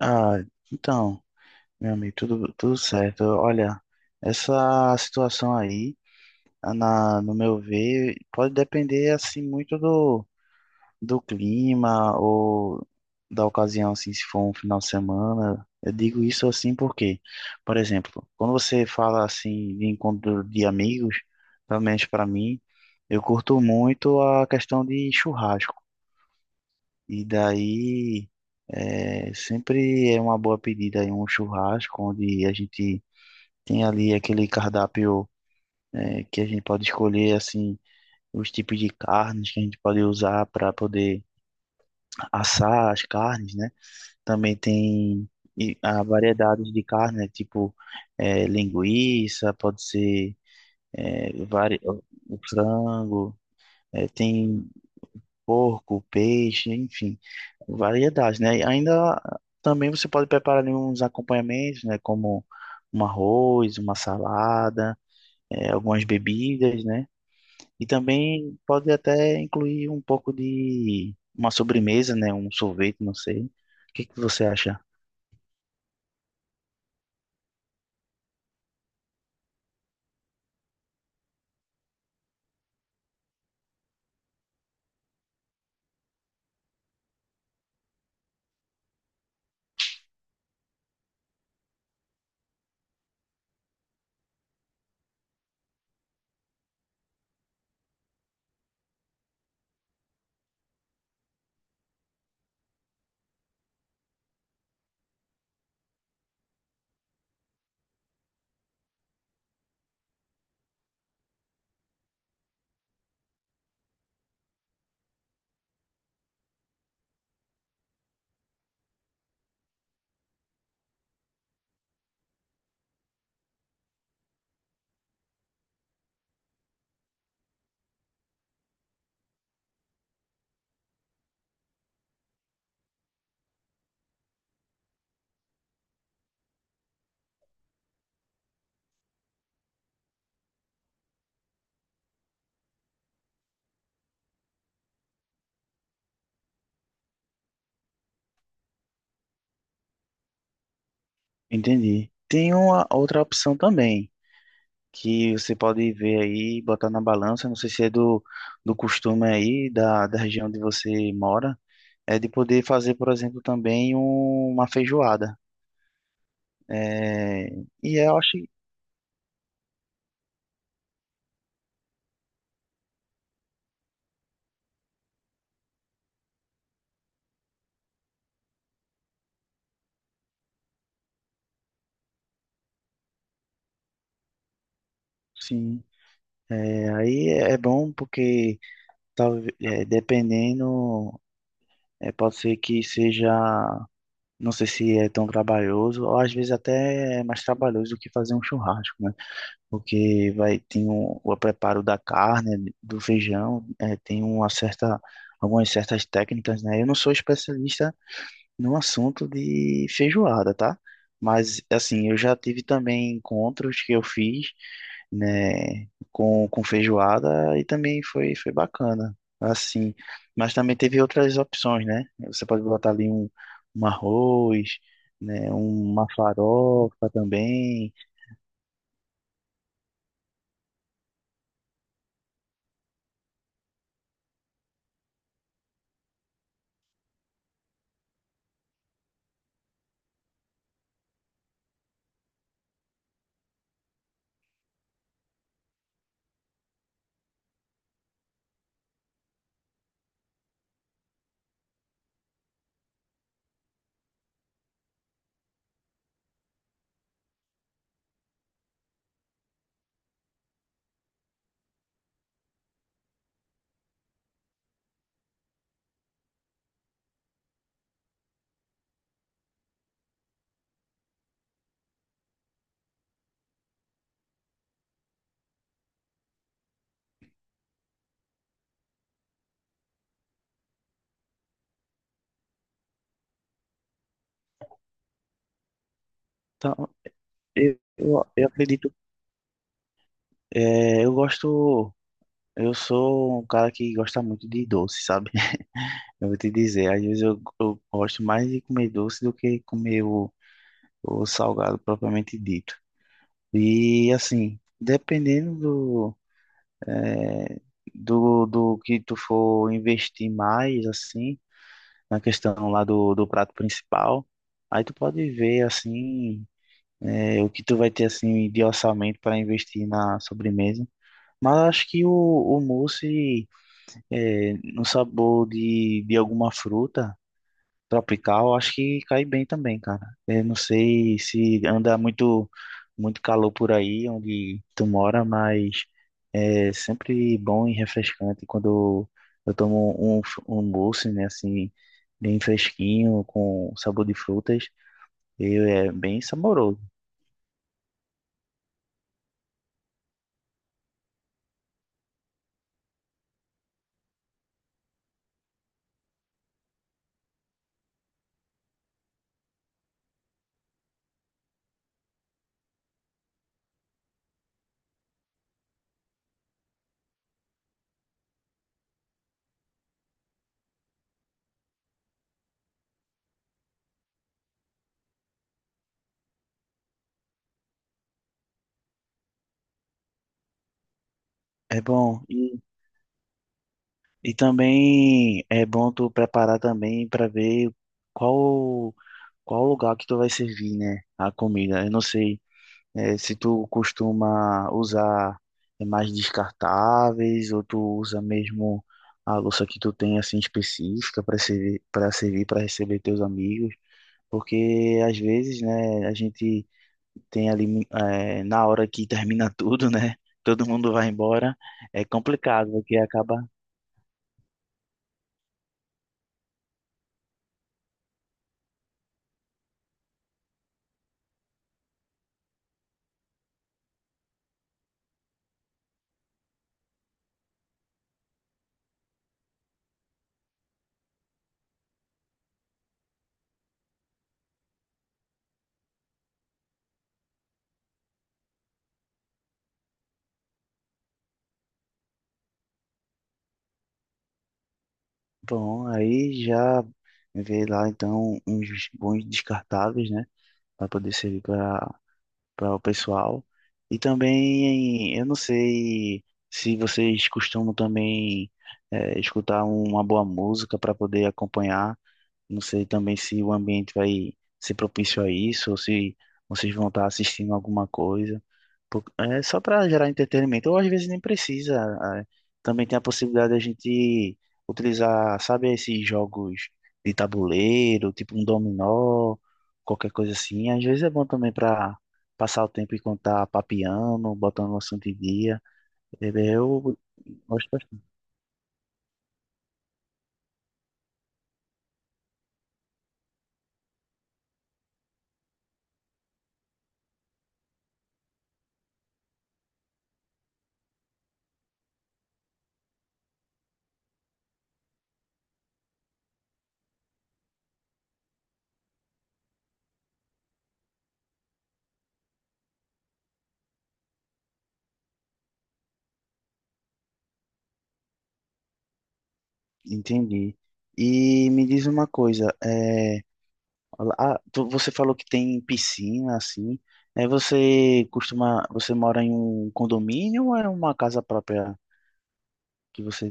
Ah, então, meu amigo, tudo certo. Olha, essa situação aí, no meu ver, pode depender assim muito do clima ou da ocasião, assim, se for um final de semana. Eu digo isso assim porque, por exemplo, quando você fala assim de encontro de amigos, pelo menos para mim, eu curto muito a questão de churrasco. E daí sempre é uma boa pedida aí um churrasco onde a gente tem ali aquele cardápio que a gente pode escolher assim os tipos de carnes que a gente pode usar para poder assar as carnes, né? Também tem a variedades de carne, né? Tipo linguiça, pode ser é, vari... o frango, tem porco, peixe, enfim, variedades, né? E ainda também você pode preparar ali uns acompanhamentos, né? Como um arroz, uma salada, algumas bebidas, né? E também pode até incluir um pouco de uma sobremesa, né? Um sorvete, não sei. O que que você acha? Entendi. Tem uma outra opção também, que você pode ver aí, botar na balança, não sei se é do costume aí, da região onde você mora, é de poder fazer, por exemplo, também uma feijoada. É, e eu acho, sim, é, aí é bom porque dependendo, pode ser que seja, não sei se é tão trabalhoso, ou às vezes até é mais trabalhoso do que fazer um churrasco, né? Porque vai, tem o preparo da carne, do feijão, é, tem uma certa, algumas certas técnicas, né? Eu não sou especialista no assunto de feijoada, tá? Mas, assim, eu já tive também encontros que eu fiz, né, com feijoada e também foi bacana, assim. Mas também teve outras opções, né? Você pode botar ali um arroz, né, uma farofa também. Então, eu acredito, é, eu gosto, eu sou um cara que gosta muito de doce, sabe? Eu vou te dizer, às vezes eu gosto mais de comer doce do que comer o salgado propriamente dito. E assim, dependendo do, eh, do que tu for investir mais, assim, na questão lá do prato principal, aí tu pode ver, assim, o que tu vai ter, assim, de orçamento para investir na sobremesa. Mas eu acho que o mousse, no sabor de alguma fruta, tropical, acho que cai bem também, cara. Eu não sei se anda muito calor por aí onde tu mora, mas é sempre bom e refrescante quando eu tomo um, um mousse, né, assim, bem fresquinho, com sabor de frutas, e é bem saboroso. É bom. E também é bom tu preparar também para ver qual qual lugar que tu vai servir, né, a comida. Eu não sei. É, se tu costuma usar mais descartáveis ou tu usa mesmo a louça que tu tem assim específica para servir para receber teus amigos, porque às vezes, né, a gente tem ali na hora que termina tudo, né, todo mundo vai embora, é complicado porque acaba. Bom, aí já vê lá então uns bons descartáveis, né, para poder servir para para o pessoal. E também, eu não sei se vocês costumam também escutar uma boa música para poder acompanhar. Não sei também se o ambiente vai ser propício a isso, ou se vocês vão estar assistindo alguma coisa. Pô, é só para gerar entretenimento, ou às vezes nem precisa. É. Também tem a possibilidade da gente utilizar, sabe, esses jogos de tabuleiro, tipo um dominó, qualquer coisa assim. Às vezes é bom também para passar o tempo e contar papiando, botando o assunto em dia. É, eu gosto bastante. Entendi. E me diz uma coisa, é, ah, você falou que tem piscina, assim. É, você costuma, você mora em um condomínio ou é uma casa própria que você...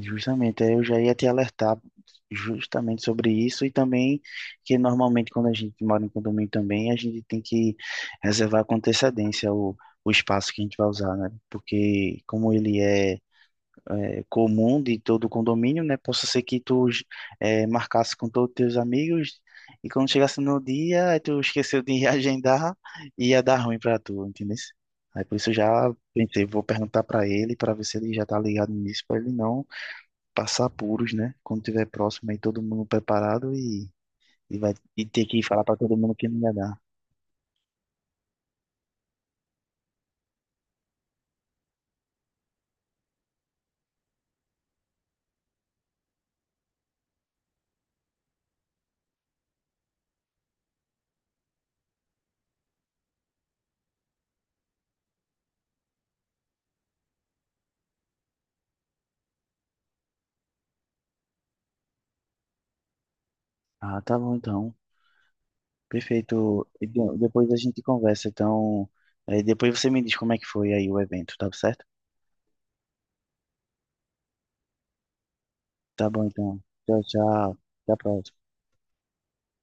Justamente, aí eu já ia te alertar justamente sobre isso e também que normalmente quando a gente mora em condomínio também, a gente tem que reservar com antecedência o espaço que a gente vai usar, né? Porque como ele é comum de todo o condomínio, né? Possa ser que tu marcasse com todos os teus amigos e quando chegasse no dia, aí tu esqueceu de reagendar e ia dar ruim pra tu, entendeu? Aí por isso eu já pensei, vou perguntar pra ele para ver se ele já tá ligado nisso, pra ele não passar apuros, né? Quando tiver próximo aí todo mundo preparado e vai e ter que falar pra todo mundo que não ia dar. Ah, tá bom então. Perfeito. E depois a gente conversa, então. Depois você me diz como é que foi aí o evento, tá certo? Tá bom então. Tchau, tchau. Até a próxima.